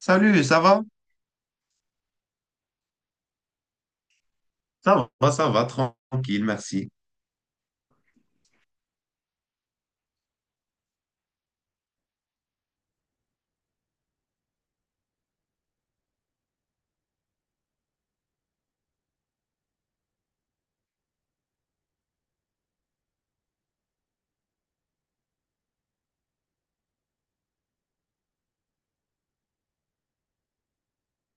Salut, ça va? Ça va, ça va, tranquille, merci.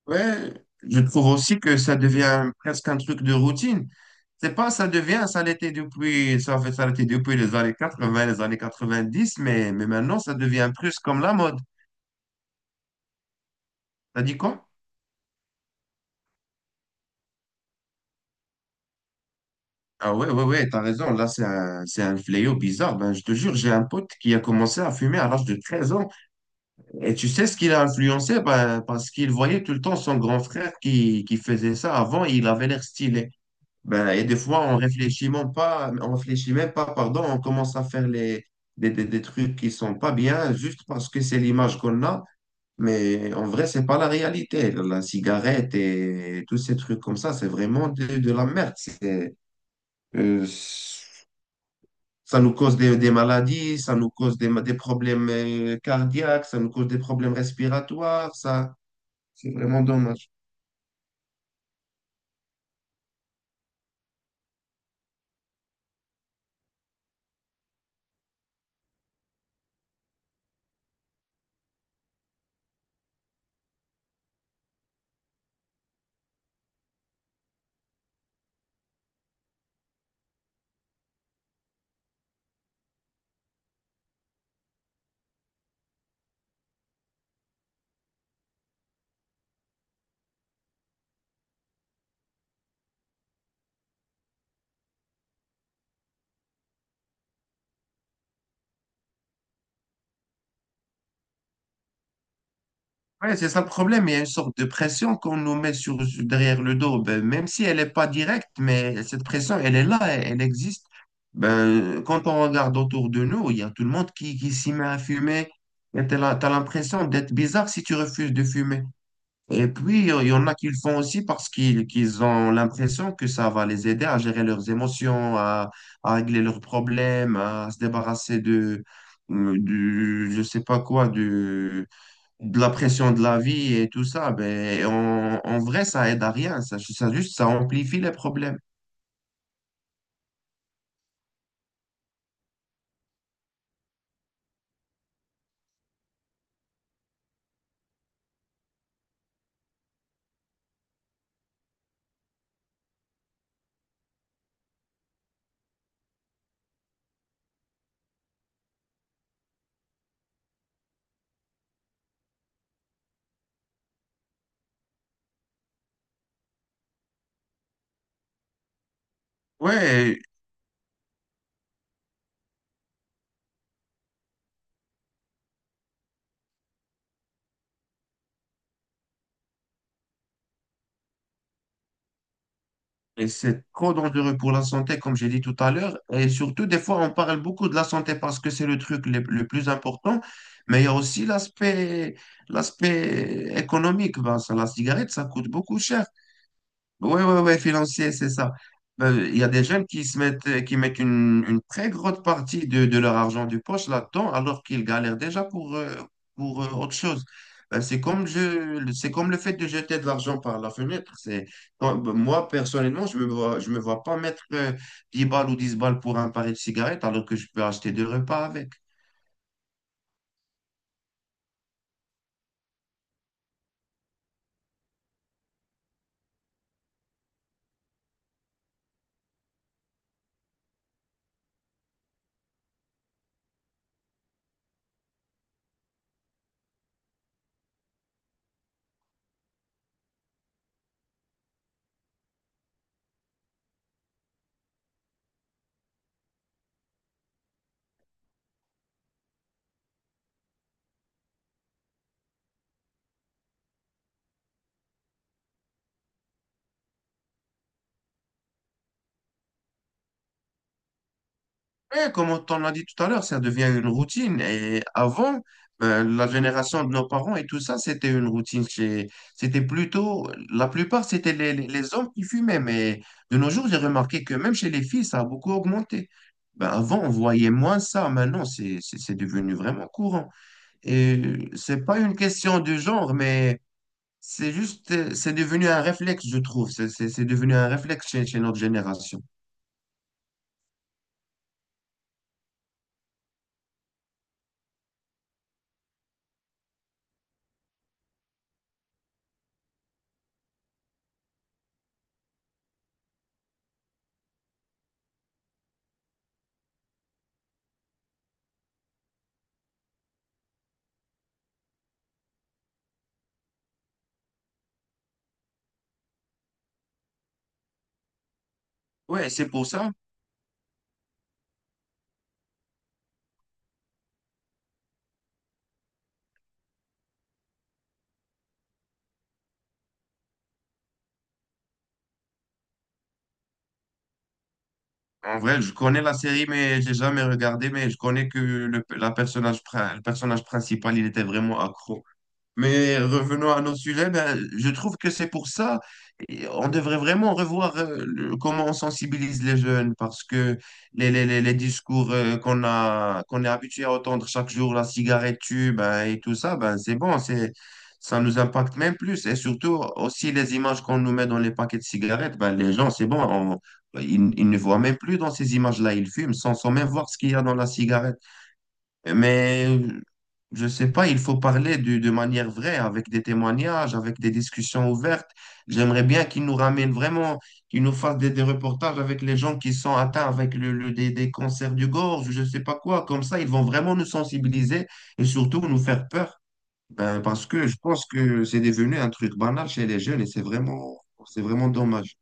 Ouais, je trouve aussi que ça devient presque un truc de routine. C'est pas, ça devient, ça l'était depuis les années 80, les années 90, mais maintenant, ça devient plus comme la mode. T'as dit quoi? Ah ouais, ouais, ouais, t'as raison. Là, c'est un fléau bizarre. Ben, je te jure, j'ai un pote qui a commencé à fumer à l'âge de 13 ans. Et tu sais ce qu'il a influencé? Ben, parce qu'il voyait tout le temps son grand frère qui faisait ça avant et il avait l'air stylé. Ben, et des fois, on réfléchit même pas, pardon, on commence à faire des trucs qui sont pas bien juste parce que c'est l'image qu'on a, mais en vrai, c'est pas la réalité. La cigarette et tous ces trucs comme ça, c'est vraiment de la merde. Euh, Ça nous cause des maladies, ça nous cause des problèmes cardiaques, ça nous cause des problèmes respiratoires, ça, c'est vraiment dommage. Ouais, c'est ça le problème. Il y a une sorte de pression qu'on nous met derrière le dos. Ben, même si elle n'est pas directe, mais cette pression, elle est là, elle existe. Ben, quand on regarde autour de nous, il y a tout le monde qui s'y met à fumer. Et t'as l'impression d'être bizarre si tu refuses de fumer. Et puis, il y en a qui le font aussi parce qu'ils ont l'impression que ça va les aider à gérer leurs émotions, à régler leurs problèmes, à se débarrasser je sais pas quoi, du de la pression de la vie et tout ça, ben, en vrai, ça aide à rien. Ça amplifie les problèmes. Ouais, et c'est trop dangereux pour la santé, comme j'ai dit tout à l'heure. Et surtout, des fois, on parle beaucoup de la santé parce que c'est le truc le plus important, mais il y a aussi l'aspect économique. Ben, ça, la cigarette, ça coûte beaucoup cher. Oui, oui, oui, financier, c'est ça. Ben, il y a des jeunes qui mettent une très grosse partie de leur argent du poche là-dedans, alors qu'ils galèrent déjà pour autre chose. Ben, c'est comme le fait de jeter de l'argent par la fenêtre. Ben, moi, personnellement, je me vois pas mettre 10 balles ou 10 balles pour un paquet de cigarettes, alors que je peux acheter deux repas avec. Ouais, comme on l'a dit tout à l'heure, ça devient une routine. Et avant, la génération de nos parents et tout ça, c'était une routine. C'était plutôt, la plupart, c'était les hommes qui fumaient. Mais de nos jours, j'ai remarqué que même chez les filles, ça a beaucoup augmenté. Ben, avant, on voyait moins ça. Maintenant, c'est devenu vraiment courant. Et c'est pas une question de genre, mais c'est juste, c'est devenu un réflexe, je trouve. C'est devenu un réflexe chez notre génération. Ouais, c'est pour ça. En vrai, je connais la série, mais j'ai jamais regardé, mais je connais que le personnage principal, il était vraiment accro. Mais revenons à nos sujets, ben, je trouve que c'est pour ça, et on devrait vraiment revoir comment on sensibilise les jeunes, parce que les discours qu'on est habitué à entendre chaque jour, la cigarette tue, ben, et tout ça, ben, c'est bon, ça nous impacte même plus. Et surtout, aussi les images qu'on nous met dans les paquets de cigarettes, ben, les gens, c'est bon, ils ne voient même plus dans ces images-là, ils fument sans même voir ce qu'il y a dans la cigarette. Mais je sais pas, il faut parler de manière vraie, avec des témoignages, avec des discussions ouvertes. J'aimerais bien qu'ils nous ramènent vraiment, qu'ils nous fassent des reportages avec les gens qui sont atteints avec des cancers du gorge, je sais pas quoi. Comme ça, ils vont vraiment nous sensibiliser et surtout nous faire peur. Ben, parce que je pense que c'est devenu un truc banal chez les jeunes et c'est vraiment dommage.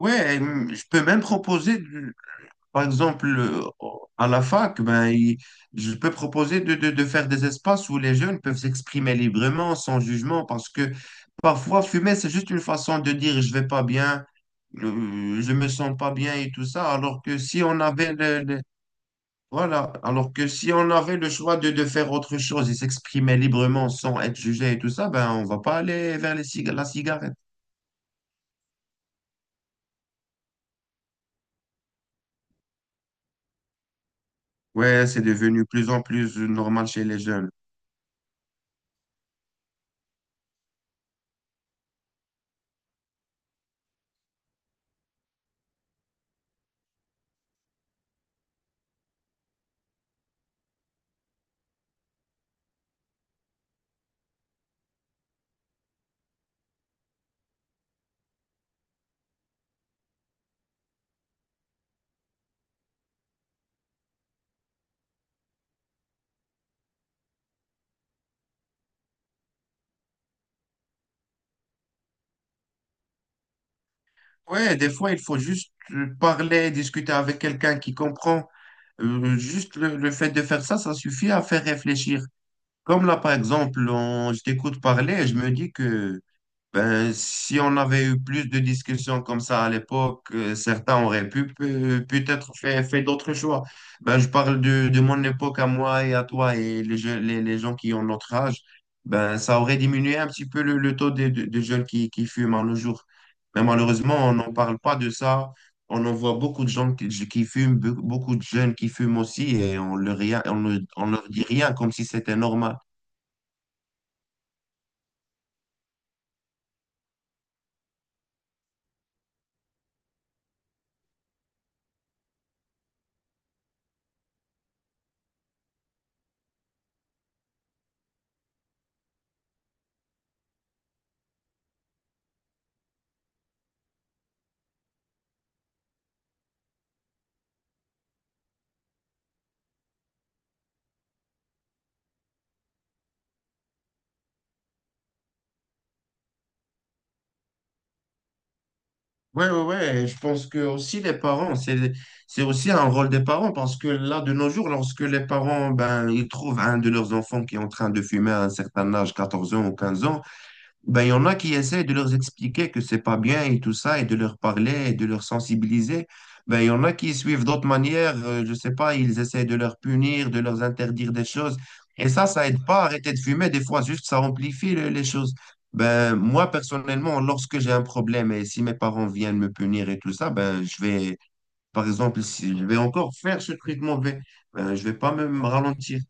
Ouais, et, je peux même proposer. Par exemple, à la fac, ben, je peux proposer de faire des espaces où les jeunes peuvent s'exprimer librement, sans jugement, parce que parfois, fumer, c'est juste une façon de dire je vais pas bien, je me sens pas bien et tout ça, alors que si on avait voilà, alors que si on avait le choix de faire autre chose et s'exprimer librement sans être jugé et tout ça, ben, on va pas aller vers la cigarette. Ouais, c'est devenu plus en plus normal chez les jeunes. Ouais, des fois, il faut juste parler, discuter avec quelqu'un qui comprend. Juste le fait de faire ça, ça suffit à faire réfléchir. Comme là, par exemple, je t'écoute parler et je me dis que ben, si on avait eu plus de discussions comme ça à l'époque, certains auraient pu peut-être fait d'autres choix. Ben, je parle de mon époque à moi et à toi et les gens qui ont notre âge. Ben, ça aurait diminué un petit peu le taux de jeunes qui fument à nos jours. Mais malheureusement, on n'en parle pas de ça. On en voit beaucoup de gens qui fument, beaucoup de jeunes qui fument aussi et on leur dit rien comme si c'était normal. Ouais, ouais, ouais. Et je pense que aussi les parents, c'est aussi un rôle des parents parce que là, de nos jours, lorsque les parents, ben, ils trouvent un de leurs enfants qui est en train de fumer à un certain âge, 14 ans ou 15 ans, ben, il y en a qui essaient de leur expliquer que c'est pas bien et tout ça, et de leur parler, et de leur sensibiliser. Ben, il y en a qui suivent d'autres manières, je sais pas, ils essaient de leur punir, de leur interdire des choses. Et ça aide pas à arrêter de fumer. Des fois, juste, ça amplifie les choses. Ben, moi, personnellement, lorsque j'ai un problème et si mes parents viennent me punir et tout ça, ben, par exemple, si je vais encore faire ce traitement, je vais pas me ralentir.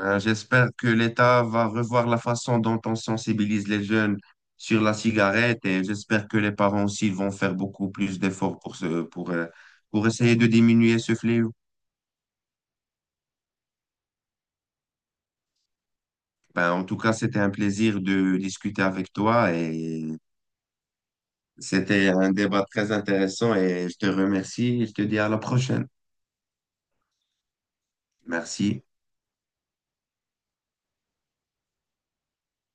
J'espère que l'État va revoir la façon dont on sensibilise les jeunes sur la cigarette et j'espère que les parents aussi vont faire beaucoup plus d'efforts pour essayer de diminuer ce fléau. Ben, en tout cas, c'était un plaisir de discuter avec toi et c'était un débat très intéressant et je te remercie et je te dis à la prochaine. Merci.